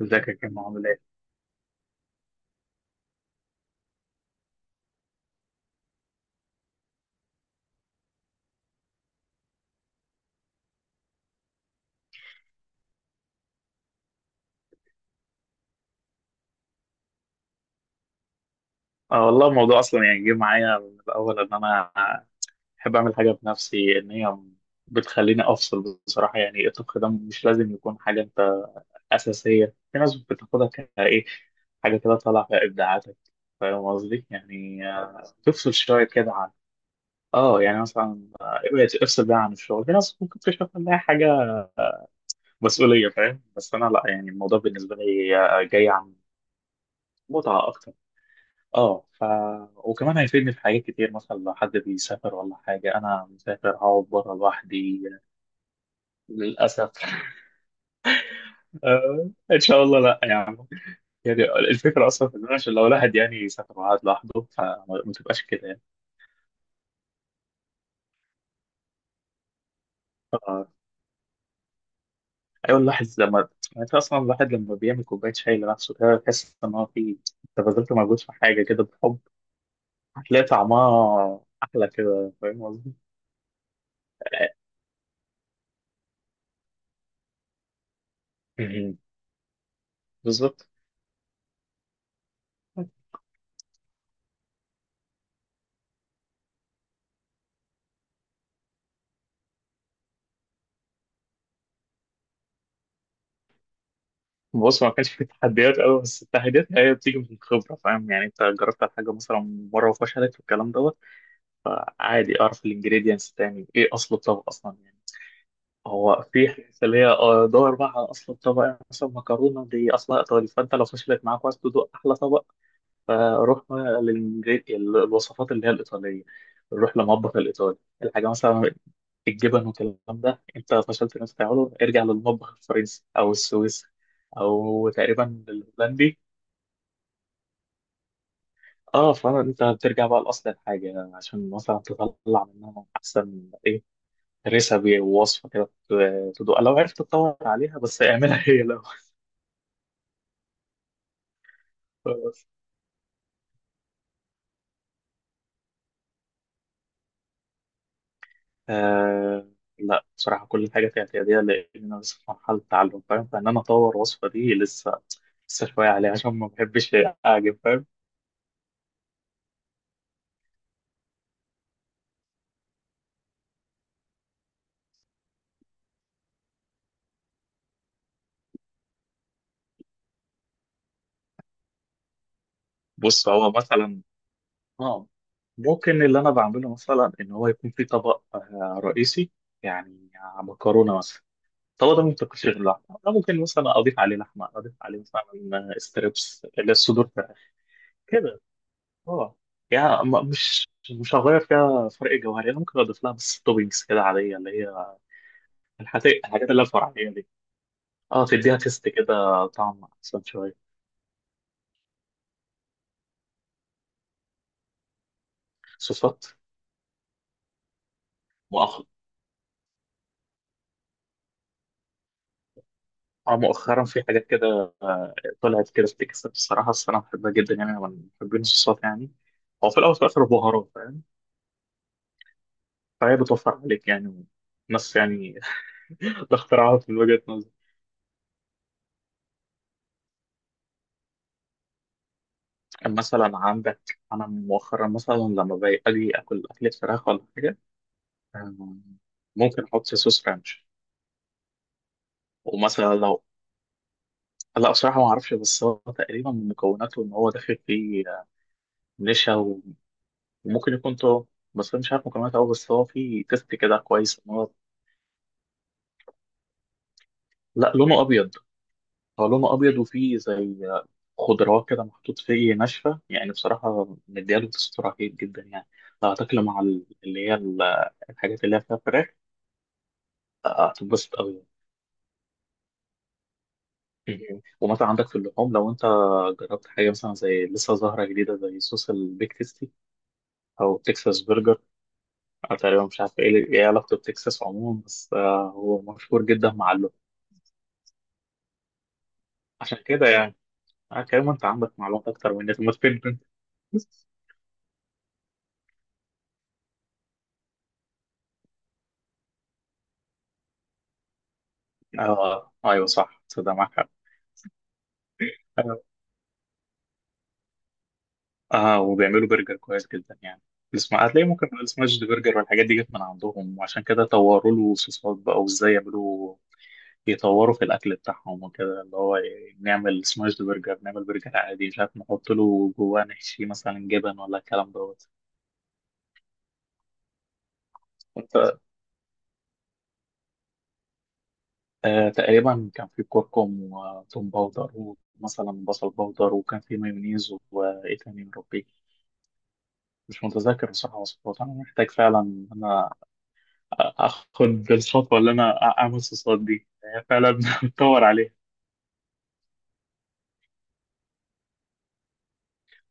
ازيك يا كريم؟ عامل ايه؟ اه والله الموضوع اصلا جه معايا من الاول ان انا بحب اعمل حاجه بنفسي، ان هي بتخليني افصل بصراحه. يعني الطبخ ده مش لازم يكون حاجه انت اساسيه، في ناس بتاخدها كايه حاجه كده طالعه فيها ابداعاتك. فاهم قصدي؟ يعني تفصل شويه كده عن، مثلا ابعد، افصل بقى عن الشغل. في ناس ممكن تشوف انها حاجه مسؤوليه، فاهم؟ بس انا لا، يعني الموضوع بالنسبه لي جاي عن متعه اكتر. اه ف وكمان هيفيدني في حاجات كتير، مثلا لو حد بيسافر ولا حاجة. أنا مسافر، هقعد بره لوحدي للأسف. إن شاء الله لا يعني. يعني الفكرة أصلا في إن أنا، عشان لو الواحد يعني يسافر وقعد لوحده، فما تبقاش كده يعني. آه، أيوة الواحد لما يعني، أنت أصلا الواحد لما بيعمل كوباية شاي لنفسه كده، بيحس إن هو في، أنت بذلت مجهود في حاجة كده بحب. هتلاقي طعمها أحلى كده، فاهم قصدي؟ بالظبط. بص، ما كانش في تحديات قوي، بس التحديات هي بتيجي من الخبره. فاهم يعني انت جربت على حاجه مثلا مره وفشلت والكلام دوت. فعادي اعرف الانجريدينتس تاني ايه، اصل الطبق اصلا يعني. هو في حاجات اللي هي، دور بقى على اصل الطبق. يعني مثلا مكرونه دي اصلها ايطالي، فانت لو فشلت معاك وعايز تدوق احلى طبق، فروح بقى الوصفات اللي هي الايطاليه، روح لمطبخ الايطالي. الحاجه مثلا الجبن والكلام ده، انت فشلت انك تعمله، ارجع للمطبخ الفرنسي او السويسري او تقريبا الهولندي. اه، فانت بترجع بقى لاصل الحاجه عشان مثلا تطلع منها احسن ايه، ريسبي ووصفه كده تدوق، لو عرفت تدور عليها بس اعملها هي لو بس. آه، لا بصراحه كل حاجه في اعتياديه، لان انا لسه في مرحله تعلم. فاهم؟ فان انا اطور وصفه دي لسه، لسه شويه عليها عشان ما بحبش اعجب، فاهم. بص، هو مثلا، اه ممكن اللي انا بعمله مثلا ان هو يكون في طبق رئيسي. يعني مكرونه مثلا، الطبق ده ما بيتاكلش غير لحمه. أنا ممكن مثلا اضيف عليه لحمه، اضيف عليه مثلا ستريبس اللي هي الصدور كده، اه. يعني مش هغير فيها فرق جوهري، انا ممكن اضيف لها بس توبينجز كده عاديه اللي هي، الحاجات اللي هي الفرعيه دي، اه. تديها تيست كده، طعم احسن شويه. صوصات، اه. مؤخرا في حاجات كده طلعت كده بتكسب الصراحه، بس انا بحبها جدا. يعني انا من محبين الصوصات يعني، هو في الاول وفي الاخر بهارات. فاهم؟ فهي بتوفر عليك يعني ناس يعني. ده اختراعات من وجهه نظري. مثلا عندك انا مؤخرا، مثلا لما باجي اجي اكل اكله فراخ ولا حاجه، آه، ممكن احط صوص رانش. ومثلا لو لا بصراحه ما اعرفش، بس هو تقريبا من مكوناته ان هو داخل فيه نشا، وممكن يكون طرق. بس انا مش عارف مكوناته قوي، بس هو فيه تيست كده كويس ان هو، لا لونه ابيض. هو لونه ابيض وفيه زي خضروات كده محطوط فيه ناشفه، يعني بصراحه مدياله تست رهيب جدا يعني. اعتقد مع الحاجات اللي هي فيها فراخ هتتبسط قوي. يعني ومثلا عندك في اللحوم، لو انت جربت حاجه مثلا، زي لسه ظاهره جديده زي صوص البيك تيستي او تكساس برجر. أنا تقريبا مش عارف ايه، ايه علاقته بتكساس عموما، بس هو مشهور جدا مع اللحوم، عشان كده يعني. كريم، انت عندك معلومات اكتر مني، طب ما تفيدني. اه ايوه صح، تصدق معاك حق. اه وبيعملوا برجر كويس جدا يعني. اسمع، هتلاقي ممكن السماش برجر والحاجات دي جت من عندهم، وعشان كده طوروا له صوصات بقى وازاي يعملوا، يطوروا في الاكل بتاعهم وكده. اللي هو نعمل سماش برجر، نعمل برجر عادي، مش عارف نحط له جواه، نحشي مثلا جبن ولا الكلام دوت. انت، آه تقريبا كان في كركم وتوم باودر ومثلا بصل باودر وكان في مايونيز، وايه تاني يا ربي مش متذكر بصراحة. وصفات أنا محتاج فعلا إن أنا اخد الخطوه اللي انا اعمل صوصات دي، هي فعلا بتطور عليها.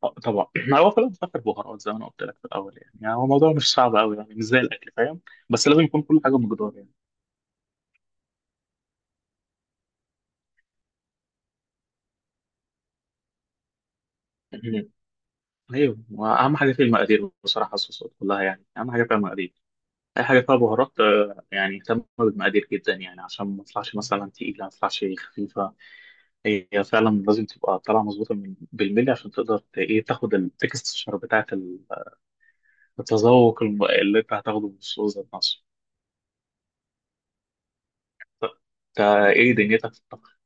طبعا. هو كله بفكر بهارات زي ما انا قلت لك في الاول يعني. يعني هو الموضوع مش صعب قوي، يعني مش زي الاكل، فاهم. بس لازم يكون كل حاجه بمقدار يعني. مهم. ايوه، واهم حاجه في المقادير بصراحه. الصوصات كلها يعني اهم حاجه فيها المقادير، اي حاجه فيها بهارات يعني اهتم بالمقادير جدا، يعني عشان ما تطلعش مثلا تقيله، ما تطلعش خفيفه. هي فعلا لازم تبقى طالعه مظبوطه من بالملي، عشان تقدر ايه، تاخد التكستشر بتاعت التذوق، اللي انت هتاخده من السوق ذات نفسه. طب، انت ايه دنيتك في الطبخ؟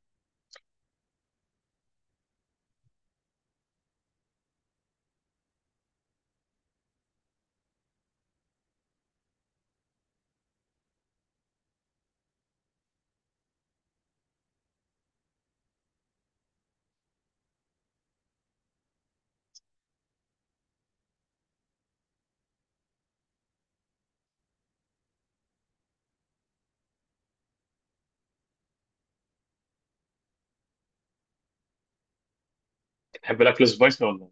بتحب الاكل سبايسي ولا؟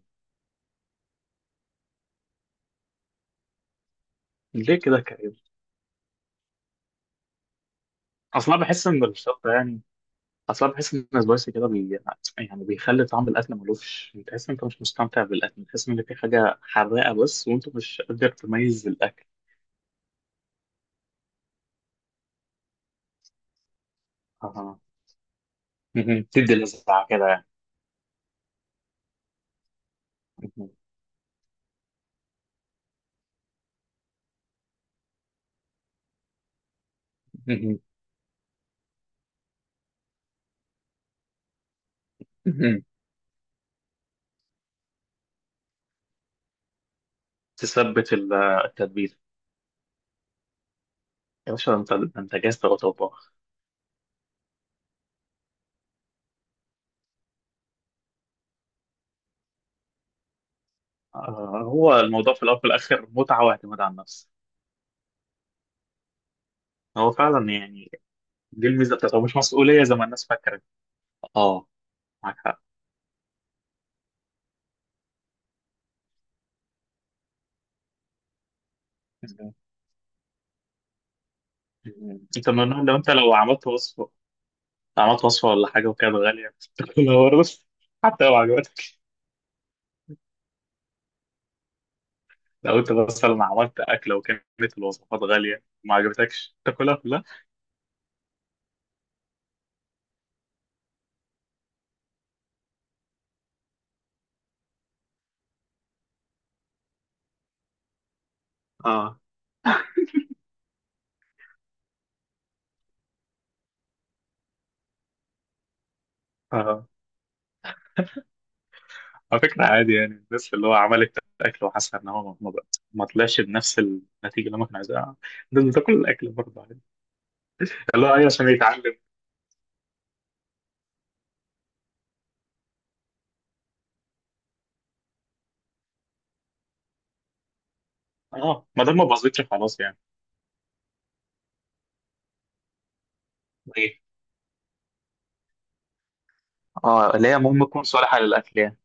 ليه كده كئيب؟ اصلا بحس ان الشطه يعني، اصلا بحس ان سبايسي كده بي… يعني بيخلي طعم الاكل ملوش، بتحس ان انت مش مستمتع بالاكل، بتحس ان في حاجه حراقه بس وانت مش قادر تميز الاكل. آه. مهم. تدي لسعه كده يعني. مهم. مهم. مهم. تثبت التتبيله. يا باشا انت، انت جاهز تبقى طباخ. هو الموضوع في الاول وفي الاخر متعه واعتماد على النفس. هو فعلا يعني دي الميزه بتاعته، هو مش مسؤوليه زي ما الناس فاكره. اه، معاك حق. مم. مم. انت من النوع لو انت، لو عملت وصفه، عملت وصفه ولا حاجه وكانت غاليه بتاكلها برضه حتى لو عجبتك؟ لو انت مثلا عملت اكله وكانت الوصفات غاليه وما عجبتكش، تاكلها كلها؟ اه. اه، على فكره عادي. يعني الناس اللي هو عملت اكل وحاسه ان هو ما طلعش بنفس النتيجه اللي هم كانوا عايزينها، الناس بتاكل الاكل برضه عادي. لا، هي عشان يتعلم. اه، ما دام ما باظتش خلاص يعني. اه، اللي هي المهم تكون صالحة للأكل يعني.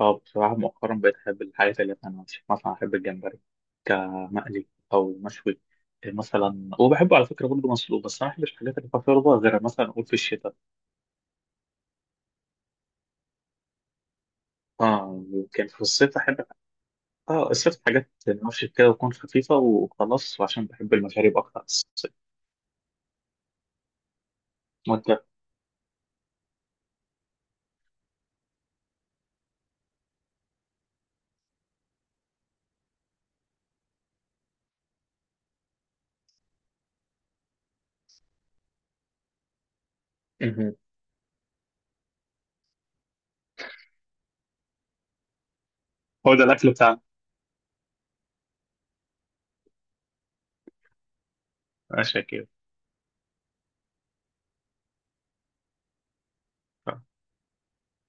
اه بصراحة مؤخرا بقيت أحب الحاجات اللي فيها نواشف، مثلا أحب الجمبري كمقلي أو مشوي مثلا، وبحبه على فكرة برضه مسلوق. بس أنا ما بحبش الحاجات اللي فيها شوربة غير مثلا أقول في الشتاء. اه، يمكن في الصيف أحب، اه الصيف حاجات نواشف كده وتكون خفيفة وخلاص، وعشان بحب المشاريب أكتر في الصيف. وأنت؟ مهم. هو ده الأكل بتاعنا. ماشي كده.